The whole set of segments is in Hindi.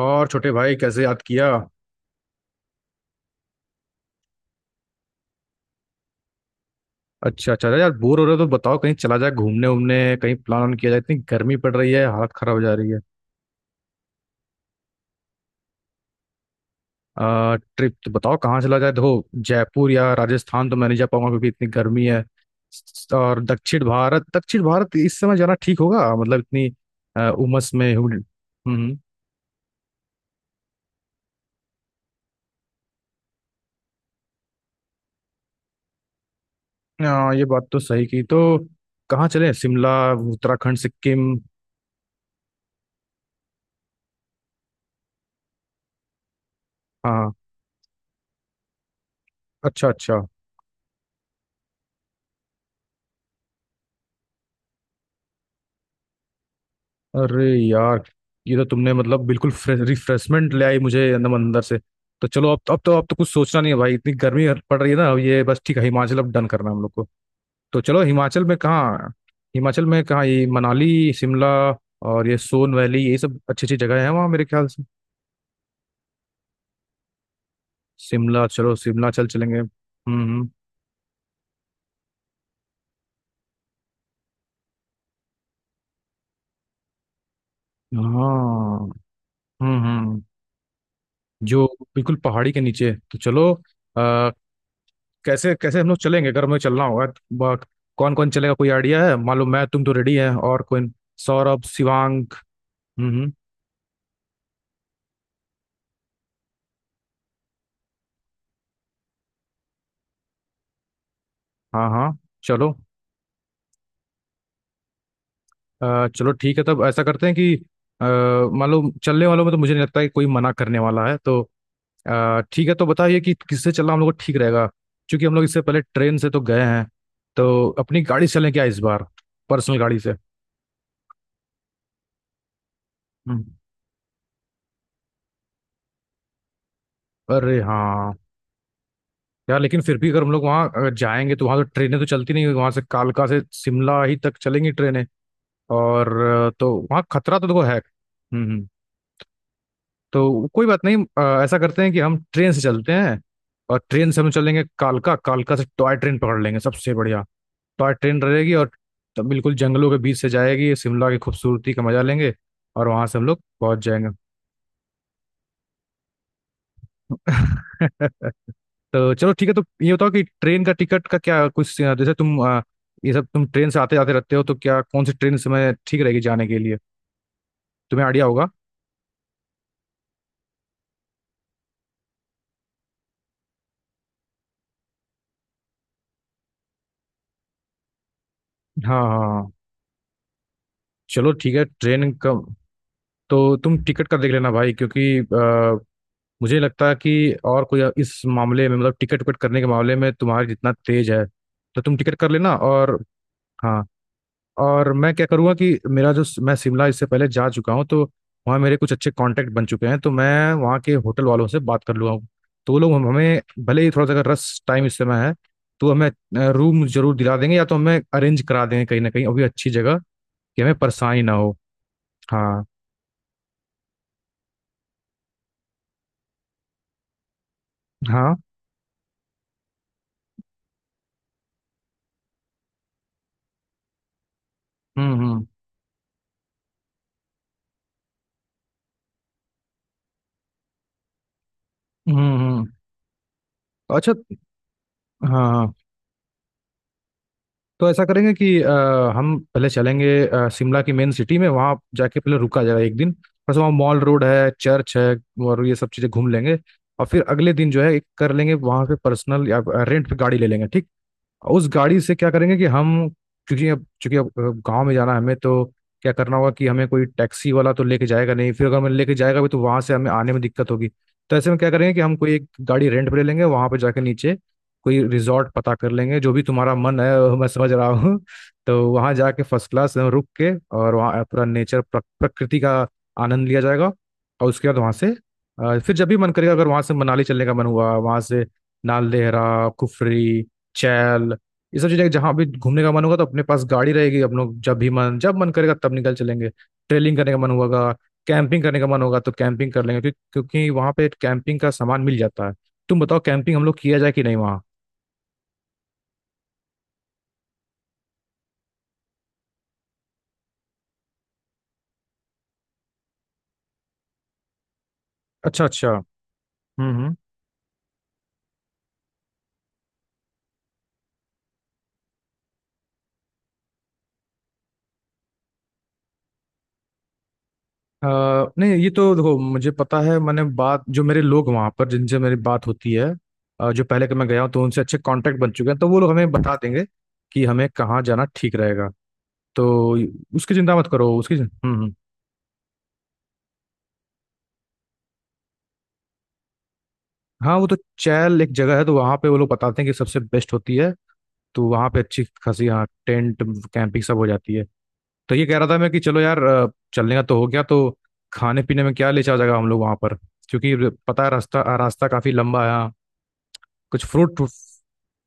और छोटे भाई कैसे याद किया। अच्छा अच्छा, अरे यार बोर हो रहे हो तो बताओ, कहीं चला जाए घूमने उमने, कहीं प्लान ऑन किया जाए। इतनी गर्मी पड़ रही है, हालत खराब हो जा रही है। ट्रिप तो बताओ कहाँ चला जाए। देखो, जयपुर या राजस्थान तो मैं नहीं जा पाऊंगा क्योंकि इतनी गर्मी है। और दक्षिण भारत, दक्षिण भारत इस समय जाना ठीक होगा? मतलब इतनी उमस में humid-। हम्म। हाँ ये बात तो सही की। तो कहाँ चले, शिमला, उत्तराखंड, सिक्किम? हाँ। अच्छा अच्छा। अरे यार, ये तो तुमने मतलब बिल्कुल रिफ्रेशमेंट ले आई मुझे अंदर अंदर से। तो चलो, अब तो कुछ सोचना नहीं है भाई। इतनी गर्मी पड़ रही है ना, अब ये बस ठीक है, हिमाचल अब डन करना है हम लोग को। तो चलो हिमाचल में कहाँ। हिमाचल में कहाँ, ये मनाली, शिमला और ये सोन वैली, ये सब अच्छी अच्छी जगह है वहाँ मेरे ख्याल से। शिमला, चलो शिमला चल चलेंगे। हम्म। हाँ। हम्म। जो बिल्कुल पहाड़ी के नीचे, तो चलो। कैसे कैसे हम लोग चलेंगे अगर हमें चलना होगा। कौन कौन चलेगा कोई आइडिया है? मालूम मैं, तुम तो रेडी है, और कोई? सौरभ, शिवांग। हम्म हम्म, हाँ। हाँ। चलो। चलो ठीक है, तब ऐसा करते हैं कि अ, मालूम चलने वालों में तो मुझे नहीं लगता कि कोई मना करने वाला है। तो ठीक है, तो बताइए कि किससे चलना हम लोग को ठीक रहेगा। क्योंकि हम लोग इससे पहले ट्रेन से तो गए हैं, तो अपनी गाड़ी से चलें क्या इस बार? पर्सनल गाड़ी से। हम्म, अरे हाँ। यार लेकिन फिर भी अगर हम लोग वहाँ अगर जाएंगे तो वहाँ तो ट्रेनें तो चलती नहीं, वहां से कालका से शिमला ही तक चलेंगी ट्रेनें। और तो वहाँ खतरा तो देखो है। तो कोई बात नहीं, ऐसा करते हैं कि हम ट्रेन से चलते हैं। और ट्रेन से हम चलेंगे कालका, कालका से टॉय ट्रेन पकड़ लेंगे, सबसे बढ़िया टॉय ट्रेन रहेगी। और तब बिल्कुल जंगलों के बीच से जाएगी, शिमला की खूबसूरती का मजा लेंगे और वहां से हम लोग पहुंच जाएंगे। तो चलो ठीक है, तो ये बताओ कि ट्रेन का टिकट का क्या, कुछ जैसे तुम ये सब तुम ट्रेन से आते जाते रहते हो तो क्या कौन सी ट्रेन समय ठीक रहेगी जाने के लिए, तुम्हें आइडिया होगा। हाँ हाँ हाँ। चलो ठीक है ट्रेन का। तो तुम टिकट का देख लेना भाई क्योंकि मुझे लगता है कि और कोई इस मामले में, मतलब टिकट विकट करने के मामले में तुम्हारे जितना तेज है। तो तुम टिकट कर लेना और। हाँ। और मैं क्या करूँगा कि मेरा जो, मैं शिमला इससे पहले जा चुका हूँ तो वहाँ मेरे कुछ अच्छे कांटेक्ट बन चुके हैं, तो मैं वहाँ के होटल वालों से बात कर लूँगा। तो वो लोग हमें भले ही थोड़ा सा अगर रस टाइम इस समय है तो हमें रूम जरूर दिला देंगे या तो हमें अरेंज करा देंगे कहीं ना कहीं अभी अच्छी जगह, कि हमें परेशानी ना हो। हाँ। हाँ। हम्म। हम्म। अच्छा। हाँ हाँ। तो ऐसा करेंगे कि हम पहले चलेंगे शिमला की मेन सिटी में, वहाँ जाके पहले रुका जाएगा एक दिन। बस वहाँ मॉल रोड है, चर्च है और ये सब चीज़ें घूम लेंगे। और फिर अगले दिन जो है एक कर लेंगे वहाँ पे पर्सनल या रेंट पे गाड़ी ले लेंगे, ठीक है? उस गाड़ी से क्या करेंगे कि हम, क्योंकि अब चूंकि अब गांव में जाना है हमें, तो क्या करना होगा कि हमें कोई टैक्सी वाला तो लेके जाएगा नहीं, फिर अगर हमें लेके जाएगा भी तो वहां से हमें आने में दिक्कत होगी। तो ऐसे में क्या करेंगे कि हम कोई एक गाड़ी रेंट पे ले लेंगे, वहां पे जाके नीचे कोई रिजॉर्ट पता कर लेंगे, जो भी तुम्हारा मन है वो मैं समझ रहा हूँ। तो वहां जाके फर्स्ट क्लास रुक के और वहाँ पूरा नेचर, प्रकृति का आनंद लिया जाएगा। और उसके बाद वहां से फिर जब भी मन करेगा, अगर वहां से मनाली चलने का मन हुआ, वहां से नाल देहरा, कुफरी, चैल, ये सब चीजें जहां भी घूमने का मन होगा तो अपने पास गाड़ी रहेगी, हम लोग जब मन करेगा तब निकल चलेंगे। ट्रेलिंग करने का मन होगा, कैंपिंग करने का मन होगा तो कैंपिंग कर लेंगे, क्योंकि वहां पे कैंपिंग का सामान मिल जाता है। तुम बताओ कैंपिंग हम लोग किया जाए कि नहीं वहाँ? अच्छा अच्छा। हम्म। नहीं ये तो देखो मुझे पता है, मैंने बात, जो मेरे लोग वहाँ पर जिनसे मेरी बात होती है, जो पहले के मैं गया हूँ तो उनसे अच्छे कांटेक्ट बन चुके हैं, तो वो लोग हमें बता देंगे कि हमें कहाँ जाना ठीक रहेगा। तो उसकी चिंता मत करो उसकी। हम्म। हम्म। हाँ वो तो चैल एक जगह है तो वहां पे वो लोग बताते हैं कि सबसे बेस्ट होती है। तो वहां पे अच्छी खासी, हाँ, टेंट कैंपिंग सब हो जाती है। तो ये कह रहा था मैं कि चलो यार, चलने का तो हो गया, तो खाने पीने में क्या ले चला जाएगा हम लोग वहां पर, क्योंकि पता है रास्ता, रास्ता काफी लंबा है। हाँ कुछ फ्रूट,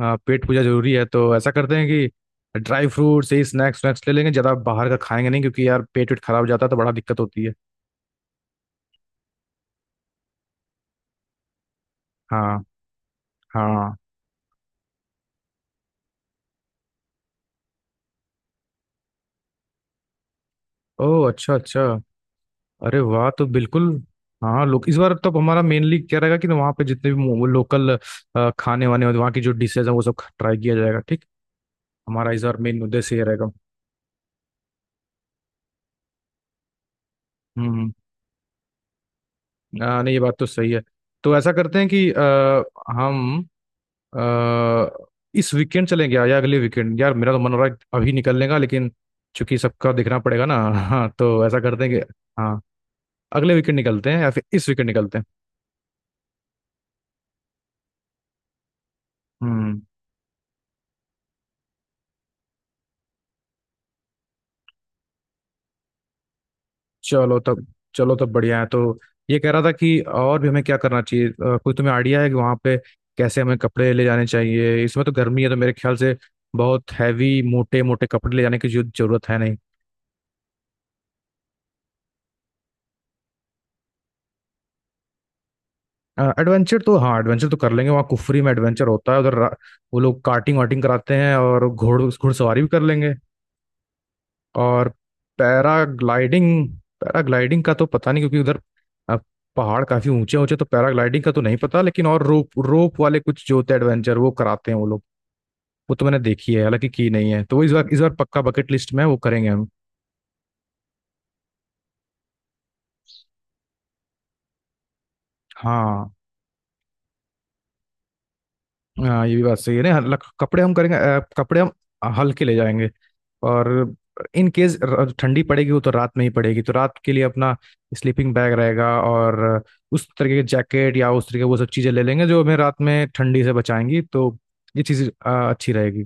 पेट पूजा जरूरी है तो ऐसा करते हैं कि ड्राई फ्रूट्स यही स्नैक्स वैक्स ले लेंगे, ज्यादा बाहर का खाएंगे नहीं क्योंकि यार पेट वेट खराब हो जाता है तो बड़ा दिक्कत होती है। हाँ हाँ। ओह अच्छा अच्छा। अरे वाह, तो बिल्कुल हाँ लोग, इस बार तो हमारा मेनली क्या रहेगा कि वहाँ पे जितने भी लोकल खाने वाने और वहाँ की जो डिशेज है वो सब ट्राई किया जाएगा, ठीक। हमारा इस बार मेन उद्देश्य ये रहेगा। हम्म। नहीं ये बात तो सही है। तो ऐसा करते हैं कि हम आ, इस वीकेंड चलेंगे या अगले वीकेंड, यार मेरा तो मन हो रहा है अभी निकलने का लेकिन चूंकि सबका देखना पड़ेगा ना। हाँ तो ऐसा करते हैं कि हाँ अगले वीकेंड निकलते हैं या फिर इस वीकेंड निकलते हैं। हम्म। चलो तब। चलो तब बढ़िया है। तो ये कह रहा था कि और भी हमें क्या करना चाहिए, कोई तुम्हें आइडिया है कि वहाँ पे कैसे हमें कपड़े ले जाने चाहिए? इसमें तो गर्मी है तो मेरे ख्याल से बहुत हैवी मोटे मोटे कपड़े ले जाने की जरूरत है नहीं। एडवेंचर, तो हाँ एडवेंचर तो कर लेंगे, वहाँ कुफरी में एडवेंचर होता है उधर वो लोग कार्टिंग वाटिंग कराते हैं और घोड़ घुड़सवारी भी कर लेंगे। और पैराग्लाइडिंग, पैराग्लाइडिंग का तो पता नहीं क्योंकि उधर अ, पहाड़ काफी ऊंचे ऊंचे, तो पैराग्लाइडिंग का तो नहीं पता, लेकिन और रोप, रोप वाले कुछ जो होते हैं एडवेंचर वो कराते हैं वो लोग। वो तो मैंने देखी है, हालांकि की नहीं है, तो वो इस बार, इस बार पक्का बकेट लिस्ट में है, वो करेंगे हम। हाँ हाँ ये भी बात सही है ना। कपड़े हम करेंगे, कपड़े हम हल्के ले जाएंगे। और इन केस ठंडी पड़ेगी, वो तो रात में ही पड़ेगी तो रात के लिए अपना स्लीपिंग बैग रहेगा और उस तरीके के जैकेट या उस तरीके वो सब चीज़ें ले लेंगे जो हमें रात में ठंडी से बचाएंगी, तो ये चीज़ अच्छी रहेगी।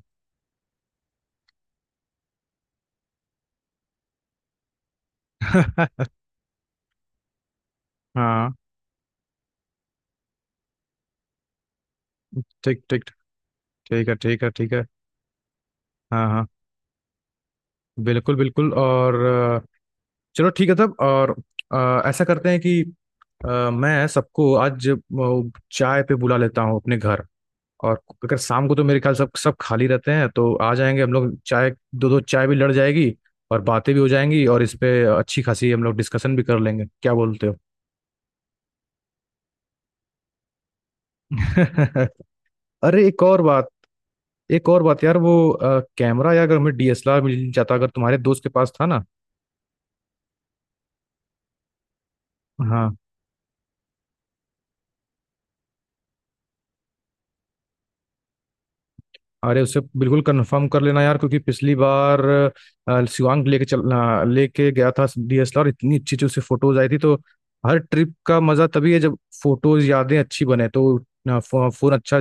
हाँ ठीक ठीक। ठीक है ठीक है ठीक है। हाँ हाँ, बिल्कुल बिल्कुल। और चलो ठीक है तब। और ऐसा करते हैं कि मैं सबको आज चाय पे बुला लेता हूँ अपने घर। और अगर शाम को तो मेरे ख्याल सब सब खाली रहते हैं तो आ जाएंगे हम लोग, चाय दो दो चाय भी लड़ जाएगी और बातें भी हो जाएंगी और इस पे अच्छी खासी हम लोग डिस्कशन भी कर लेंगे, क्या बोलते हो? अरे एक और बात, एक और बात यार, वो कैमरा यार अगर हमें डीएसएलआर मिल जाता, अगर तुम्हारे दोस्त के पास था ना। हाँ। अरे उसे बिल्कुल कंफर्म कर लेना यार क्योंकि पिछली बार शिवांग लेके गया था डीएसएलआर, इतनी अच्छी अच्छी उसे फोटोज आई थी तो हर ट्रिप का मजा तभी है जब फोटोज यादें अच्छी बने, तो फोन अच्छा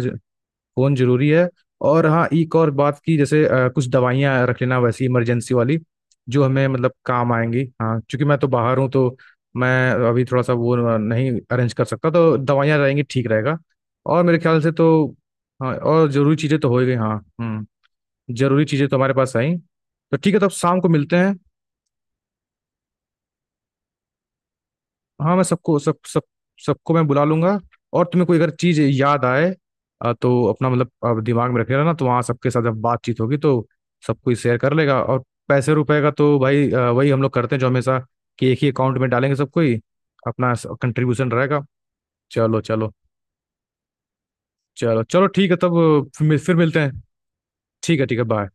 फोन जरूरी है। और हाँ एक और बात की, जैसे कुछ दवाइयाँ रख लेना वैसी इमरजेंसी वाली जो हमें मतलब काम आएंगी, हाँ क्योंकि मैं तो बाहर हूँ तो मैं अभी थोड़ा सा वो नहीं अरेंज कर सकता, तो दवाइयाँ रहेंगी ठीक रहेगा। और मेरे ख्याल से तो हाँ, और जरूरी चीज़ें तो हो ही गई। हाँ हम्म। जरूरी चीज़ें तो हमारे पास आई। तो ठीक है तो अब शाम को मिलते हैं। हाँ मैं सबको, सब सब सबको मैं बुला लूंगा। और तुम्हें कोई अगर चीज याद आए तो अपना मतलब दिमाग में रखेगा ना तो वहाँ सबके साथ जब बातचीत होगी तो सब कोई शेयर कर लेगा। और पैसे रुपए का तो भाई वही हम लोग करते हैं जो हमेशा, कि एक ही अकाउंट में डालेंगे सब कोई अपना कंट्रीब्यूशन रहेगा। चलो चलो। चलो चलो ठीक है तब। फिर मिलते हैं। ठीक है बाय।